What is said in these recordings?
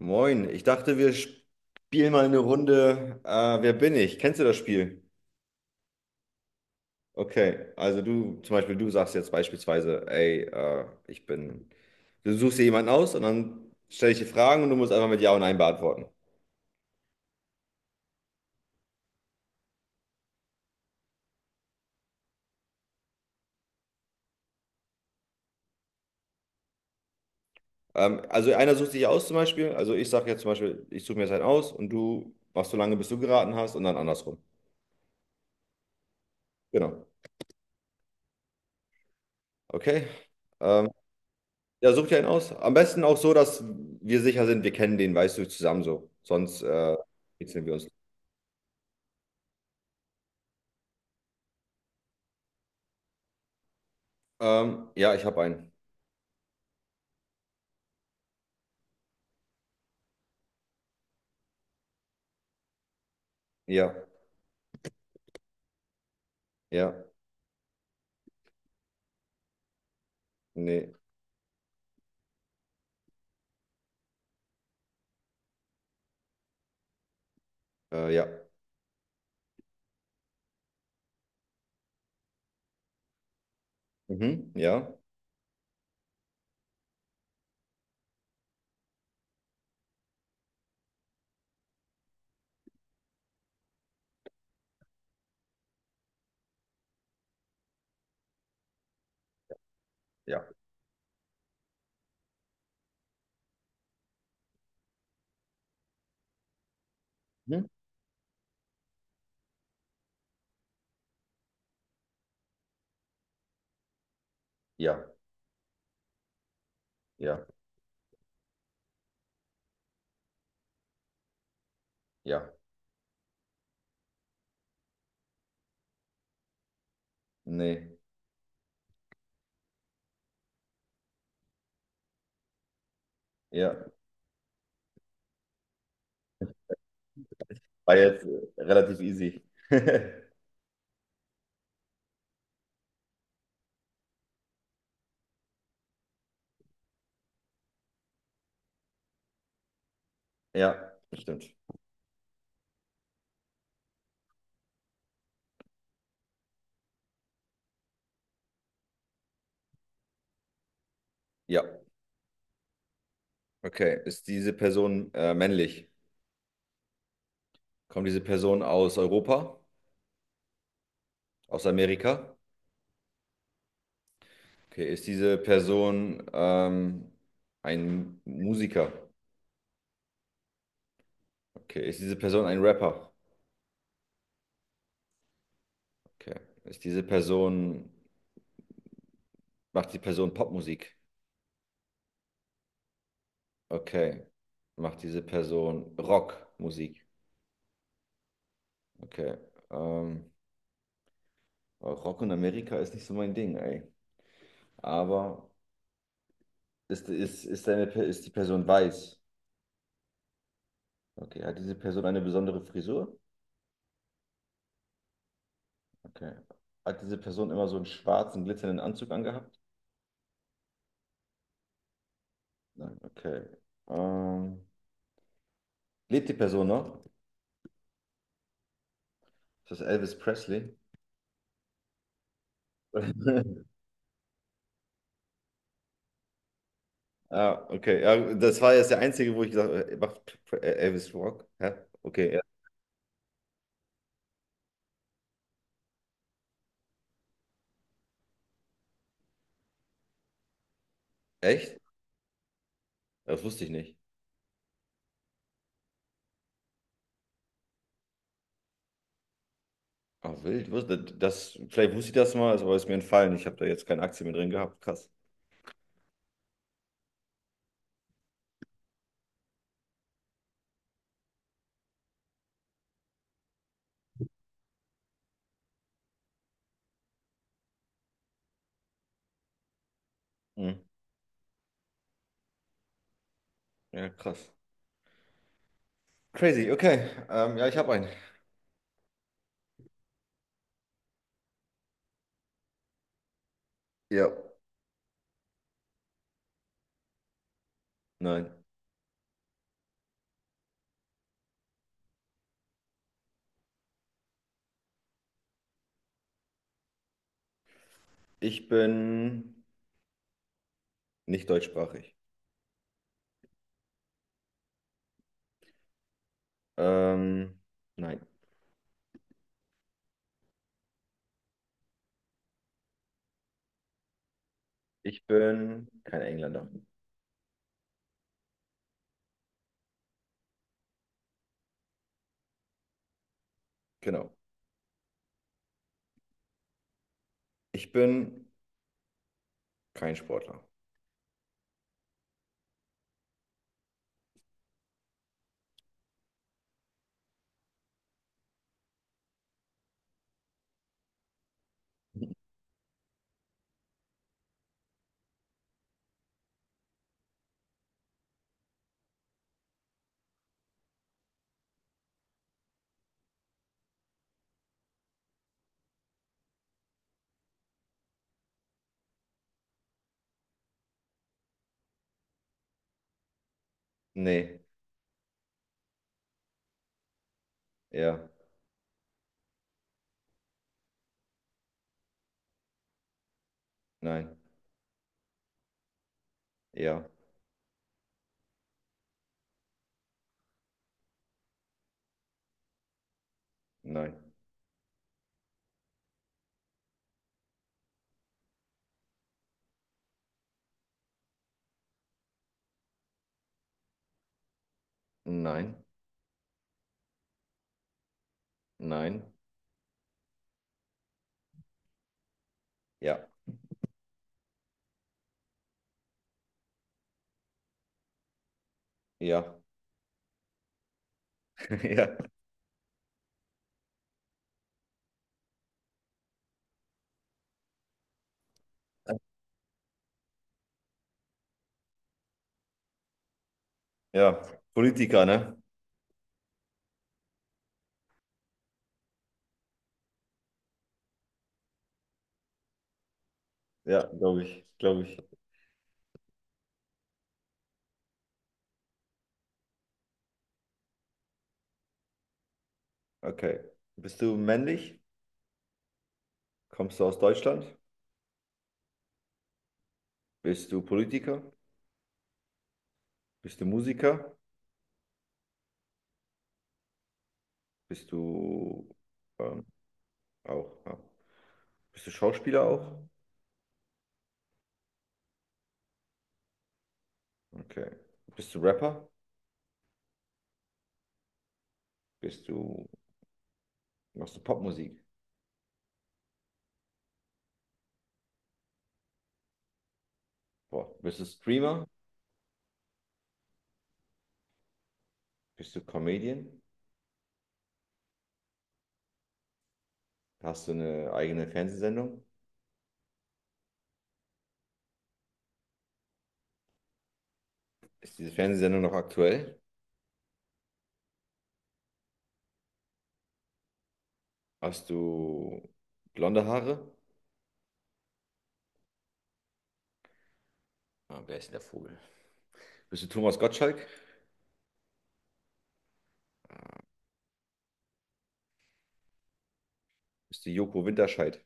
Moin, ich dachte, wir spielen mal eine Runde. Wer bin ich? Kennst du das Spiel? Okay, also du, zum Beispiel, du sagst jetzt beispielsweise, ey, ich bin. Du suchst dir jemanden aus und dann stelle ich dir Fragen und du musst einfach mit Ja und Nein beantworten. Also einer sucht sich aus zum Beispiel. Also ich sage jetzt zum Beispiel, ich suche mir jetzt einen aus und du machst so lange, bis du geraten hast und dann andersrum. Genau. Okay. Ähm, ja, such dir einen aus. Am besten auch so, dass wir sicher sind, wir kennen den, weißt du, zusammen so. Sonst kitzeln wir uns. Ja, ich habe einen. Ja, ja, nee, ja. Mhm, ja, ja, mhm, ja, ja, ja, nee, ja. War jetzt relativ easy. Ja, stimmt. Ja, okay. Ist diese Person männlich? Kommt diese Person aus Europa? Aus Amerika? Okay, ist diese Person ein Musiker? Okay, ist diese Person ein Rapper? Okay, ist diese Person, macht die Person Popmusik? Okay. Macht diese Person Rockmusik. Okay. Ähm, Rock in Amerika ist nicht so mein Ding, ey. Aber deine, ist die Person weiß? Okay. Hat diese Person eine besondere Frisur? Okay. Hat diese Person immer so einen schwarzen, glitzernden Anzug angehabt? Nein. Okay. Ähm, Lebt die Person noch? Ist das Elvis Presley? Ah, okay. Ja, das war jetzt der einzige, wo ich gesagt habe, macht Elvis Rock? Hä? Okay, ja. Echt? Das wusste ich nicht. Ah, wild. Das, vielleicht wusste ich das mal, ist aber ist mir entfallen. Ich habe da jetzt keine Aktie mehr drin gehabt. Krass. Mhm. Ja, krass. Crazy, okay. Ja, ich habe einen. Ja. Nein. Ich bin nicht deutschsprachig. Ähm, nein. Ich bin kein Engländer. Genau. Ich bin kein Sportler. Nee. Ja. Nein. Ja. Nein. Nein. Nein. Ja. Ja. Ja. Ja. Politiker, ne? Ja, glaube ich. Glaube ich. Okay. Bist du männlich? Kommst du aus Deutschland? Bist du Politiker? Bist du Musiker? Bist du ähm, auch? Ja. Bist du Schauspieler auch? Okay. Bist du Rapper? Bist du, machst du Popmusik? Boah. Bist du Streamer? Bist du Comedian? Hast du eine eigene Fernsehsendung? Ist diese Fernsehsendung noch aktuell? Hast du blonde Haare? Ah, wer ist denn der Vogel? Bist du Thomas Gottschalk? Bist du Joko Winterscheid?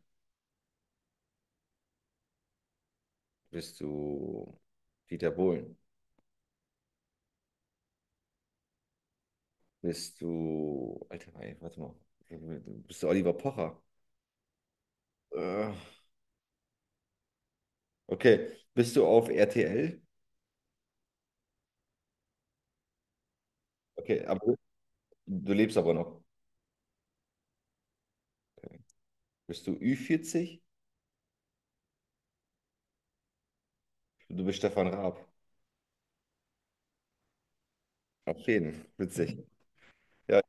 Bist du Dieter Bohlen? Bist du. Alter, warte mal. Bist du Oliver Pocher? Äh, Okay. Bist du auf RTL? Okay, aber du lebst aber noch. Okay. Bist du ü 40? Du bist Stefan Raab. Auf jeden. Witzig. Ja,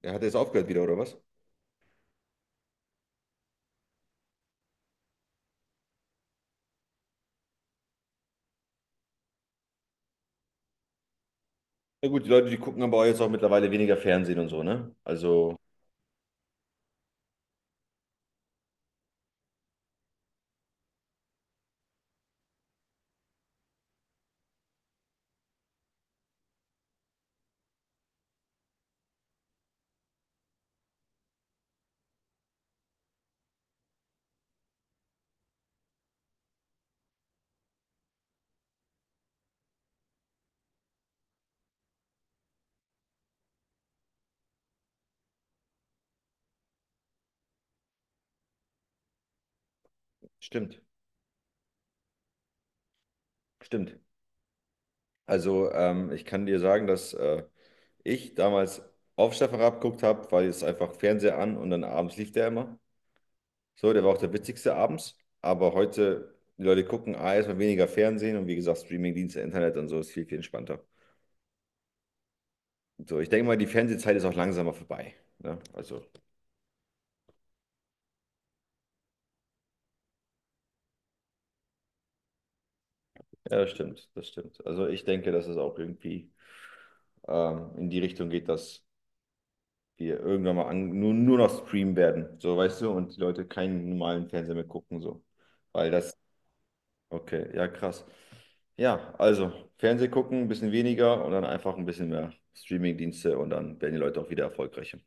er hat jetzt aufgehört wieder, oder was? Na gut, die Leute, die gucken aber auch jetzt auch mittlerweile weniger Fernsehen und so, ne? Also, stimmt. Stimmt. Also, ich kann dir sagen, dass ich damals auf Stefan Raab geguckt habe, weil jetzt einfach Fernseher an und dann abends lief der immer. So, der war auch der witzigste abends. Aber heute, die Leute gucken A, erstmal weniger Fernsehen und wie gesagt, Streamingdienste, Internet und so ist viel, viel entspannter. So, ich denke mal, die Fernsehzeit ist auch langsamer vorbei. Ne? Also, ja, das stimmt, das stimmt. Also, ich denke, dass es auch irgendwie in die Richtung geht, dass wir irgendwann mal an, nur noch streamen werden. So, weißt du, und die Leute keinen normalen Fernseher mehr gucken, so. Weil das okay, ja, krass. Ja, also Fernseh gucken, ein bisschen weniger und dann einfach ein bisschen mehr Streamingdienste und dann werden die Leute auch wieder erfolgreicher.